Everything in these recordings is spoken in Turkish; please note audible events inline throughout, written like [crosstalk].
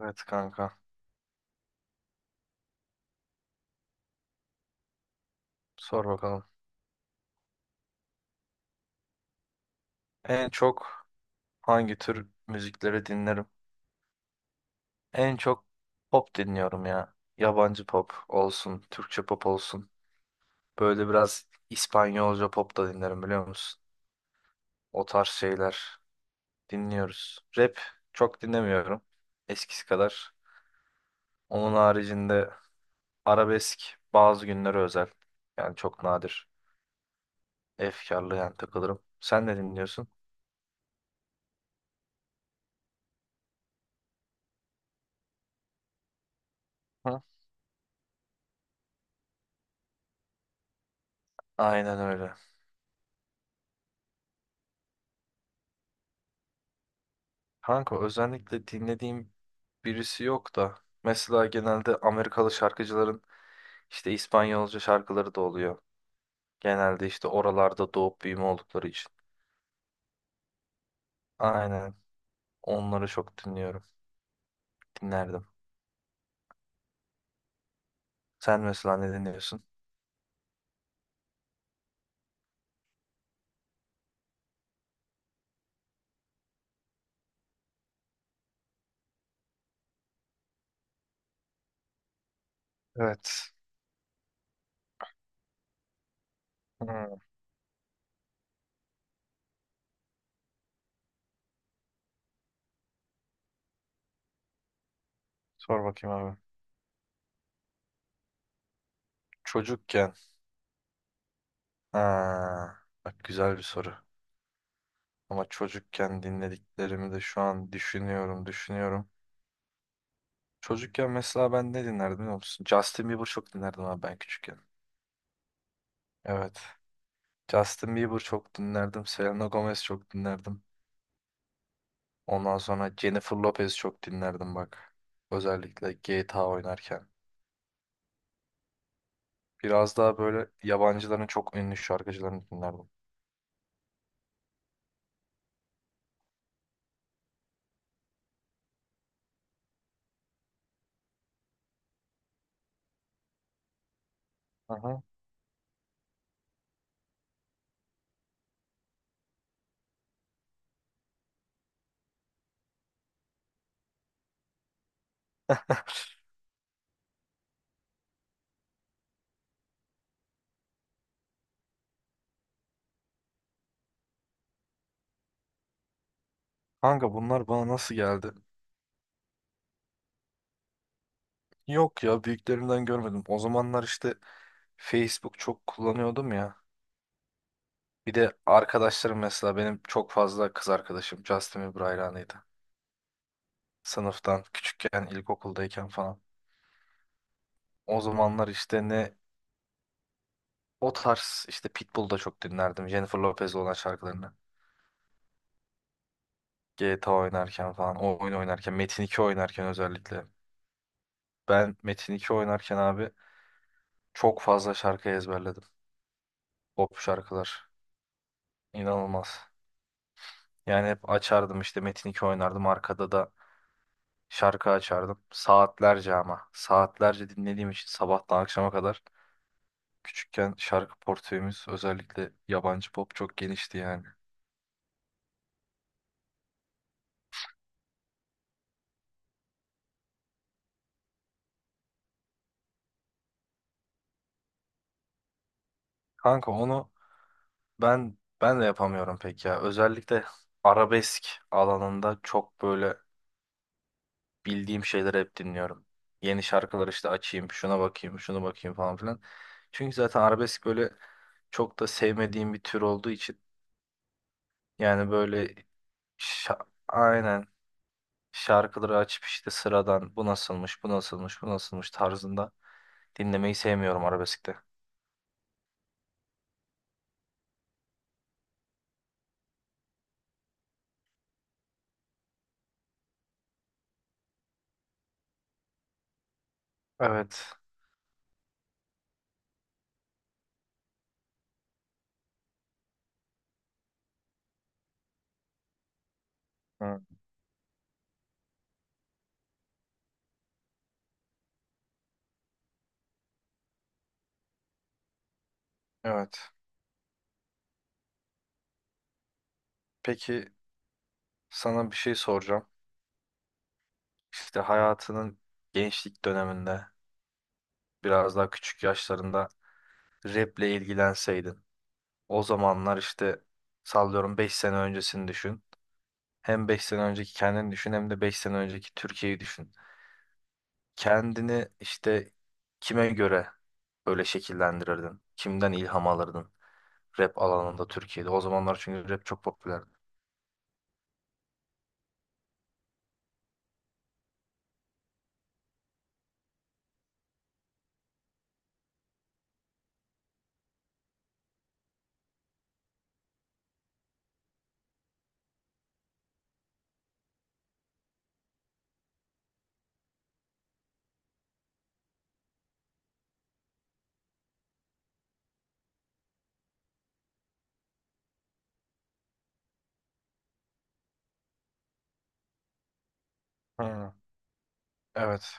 Evet kanka. Sor bakalım. En çok hangi tür müzikleri dinlerim? En çok pop dinliyorum ya. Yabancı pop olsun, Türkçe pop olsun. Böyle biraz İspanyolca pop da dinlerim biliyor musun? O tarz şeyler dinliyoruz. Rap çok dinlemiyorum. Eskisi kadar. Onun haricinde arabesk bazı günlere özel. Yani çok nadir. Efkarlı yani takılırım. Sen ne dinliyorsun? Hı? Aynen öyle. Kanka özellikle dinlediğim birisi yok da mesela genelde Amerikalı şarkıcıların işte İspanyolca şarkıları da oluyor. Genelde işte oralarda doğup büyüme oldukları için. Aynen. Onları çok dinliyorum. Dinlerdim. Sen mesela ne dinliyorsun? Evet. Hmm. Sor bakayım abi. Çocukken. Ha, bak güzel bir soru. Ama çocukken dinlediklerimi de şu an düşünüyorum, düşünüyorum. Çocukken mesela ben ne dinlerdim biliyor musun? Justin Bieber çok dinlerdim abi ben küçükken. Evet. Justin Bieber çok dinlerdim. Selena Gomez çok dinlerdim. Ondan sonra Jennifer Lopez çok dinlerdim bak. Özellikle GTA oynarken. Biraz daha böyle yabancıların çok ünlü şarkıcılarını dinlerdim. Aha. Kanka bunlar bana nasıl geldi? Yok ya büyüklerimden görmedim. O zamanlar işte Facebook çok kullanıyordum ya. Bir de arkadaşlarım mesela benim çok fazla kız arkadaşım Justin Bieber hayranıydı. Sınıftan küçükken ilkokuldayken falan. O zamanlar işte ne O tarz işte Pitbull'u da çok dinlerdim. Jennifer Lopez olan şarkılarını. GTA oynarken falan, o oyun oynarken, Metin 2 oynarken özellikle. Ben Metin 2 oynarken abi çok fazla şarkı ezberledim. Pop şarkılar. İnanılmaz. Yani hep açardım işte Metin 2 oynardım. Arkada da şarkı açardım. Saatlerce ama. Saatlerce dinlediğim için sabahtan akşama kadar. Küçükken şarkı portföyümüz özellikle yabancı pop çok genişti yani. Kanka onu Ben de yapamıyorum pek ya. Özellikle arabesk alanında çok böyle bildiğim şeyleri hep dinliyorum. Yeni şarkılar işte açayım, şuna bakayım, şunu bakayım falan filan. Çünkü zaten arabesk böyle çok da sevmediğim bir tür olduğu için yani böyle aynen şarkıları açıp işte sıradan bu nasılmış, bu nasılmış, bu nasılmış tarzında dinlemeyi sevmiyorum arabeskte. Evet. Hı, evet. Peki sana bir şey soracağım. İşte hayatının gençlik döneminde biraz daha küçük yaşlarında raple ilgilenseydin. O zamanlar işte sallıyorum 5 sene öncesini düşün. Hem 5 sene önceki kendini düşün hem de 5 sene önceki Türkiye'yi düşün. Kendini işte kime göre böyle şekillendirirdin? Kimden ilham alırdın rap alanında Türkiye'de? O zamanlar çünkü rap çok popülerdi. Hı, evet.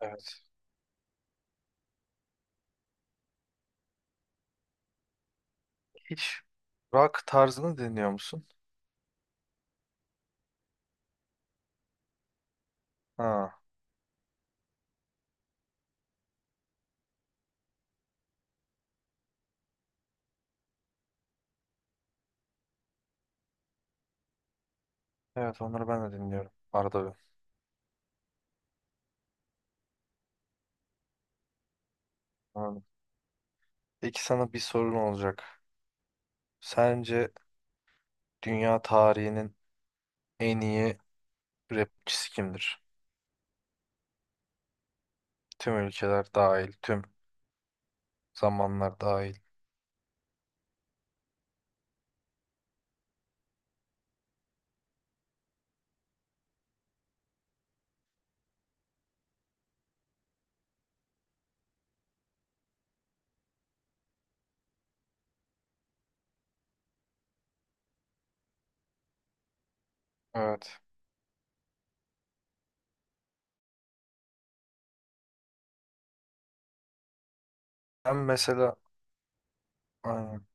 Evet. Hiç rock tarzını dinliyor musun? Ha, evet onları ben de dinliyorum. Arada bir. Anladım. Peki sana bir sorun olacak. Sence dünya tarihinin en iyi rapçisi kimdir? Tüm ülkeler dahil, tüm zamanlar dahil. Evet. Ben mesela aynen,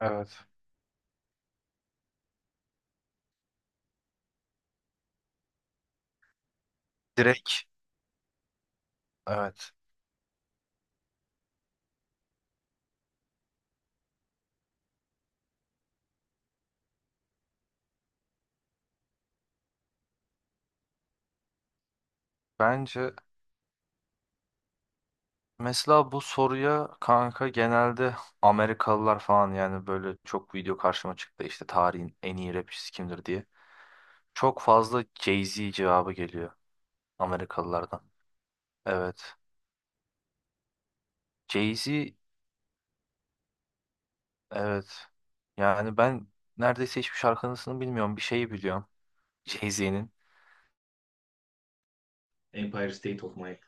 evet. Direkt evet. Bence mesela bu soruya kanka genelde Amerikalılar falan yani böyle çok video karşıma çıktı işte tarihin en iyi rapçisi kimdir diye. Çok fazla Jay-Z cevabı geliyor Amerikalılardan. Evet. Jay-Z Evet. Yani ben neredeyse hiçbir şarkısını bilmiyorum. Bir şeyi biliyorum. Jay-Z'nin. Empire State of Mind.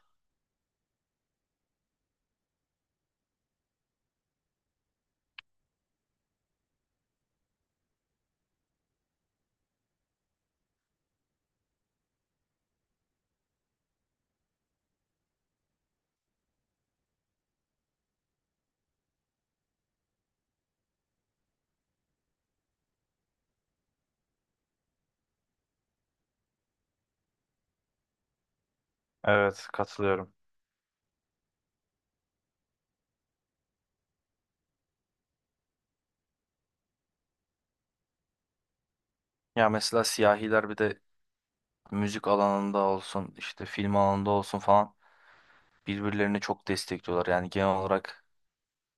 Evet, katılıyorum. Ya mesela siyahiler bir de müzik alanında olsun, işte film alanında olsun falan birbirlerini çok destekliyorlar. Yani genel olarak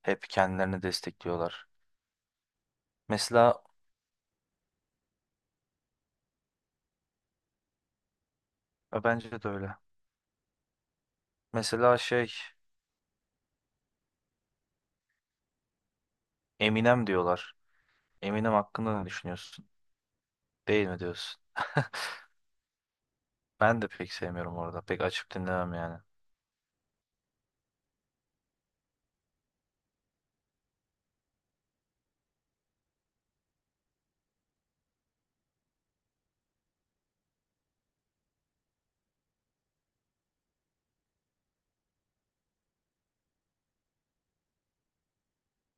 hep kendilerini destekliyorlar. Mesela bence de öyle. Mesela şey Eminem diyorlar. Eminem hakkında ne düşünüyorsun? Değil mi diyorsun? [laughs] Ben de pek sevmiyorum orada. Pek açıp dinlemem yani.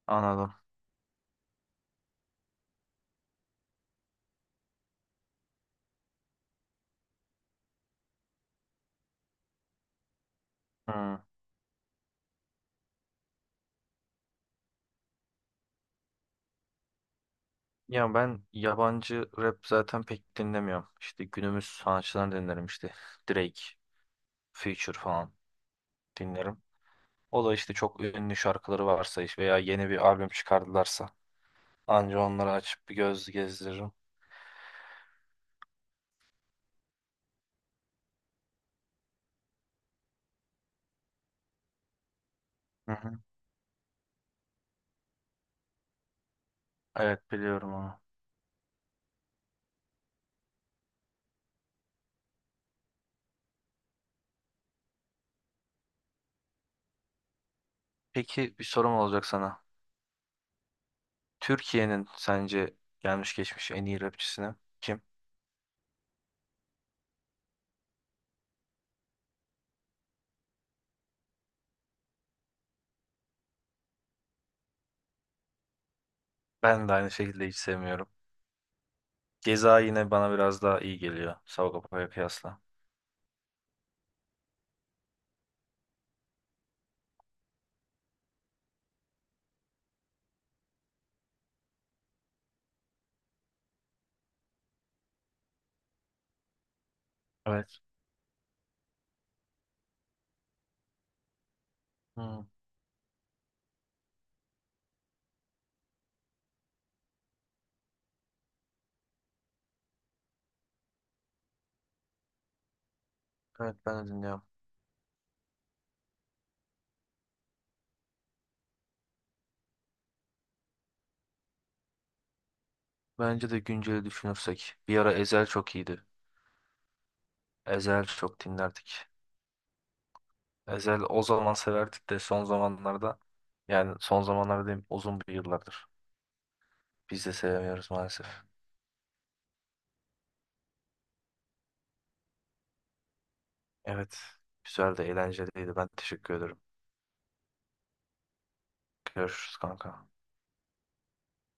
Anladım. Hmm. Ya ben yabancı rap zaten pek dinlemiyorum. İşte günümüz sanatçılarını dinlerim işte. Drake, Future falan dinlerim. O da işte çok ünlü şarkıları varsa iş veya yeni bir albüm çıkardılarsa anca onları açıp bir göz gezdiririm. Hı hı. Evet biliyorum onu. Peki bir sorum olacak sana. Türkiye'nin sence gelmiş geçmiş en iyi rapçisini kim? Ben de aynı şekilde hiç sevmiyorum. Ceza yine bana biraz daha iyi geliyor Sagopa'ya kıyasla. Evet. Hı, evet ben de dinliyorum. Bence de günceli düşünürsek. Bir ara Ezel çok iyiydi. Ezel çok dinlerdik. Ezel o zaman severdik de son zamanlarda yani son zamanlarda diyeyim uzun bir yıllardır. Biz de sevemiyoruz maalesef. Evet. Güzel de eğlenceliydi. Ben teşekkür ederim. Görüşürüz kanka.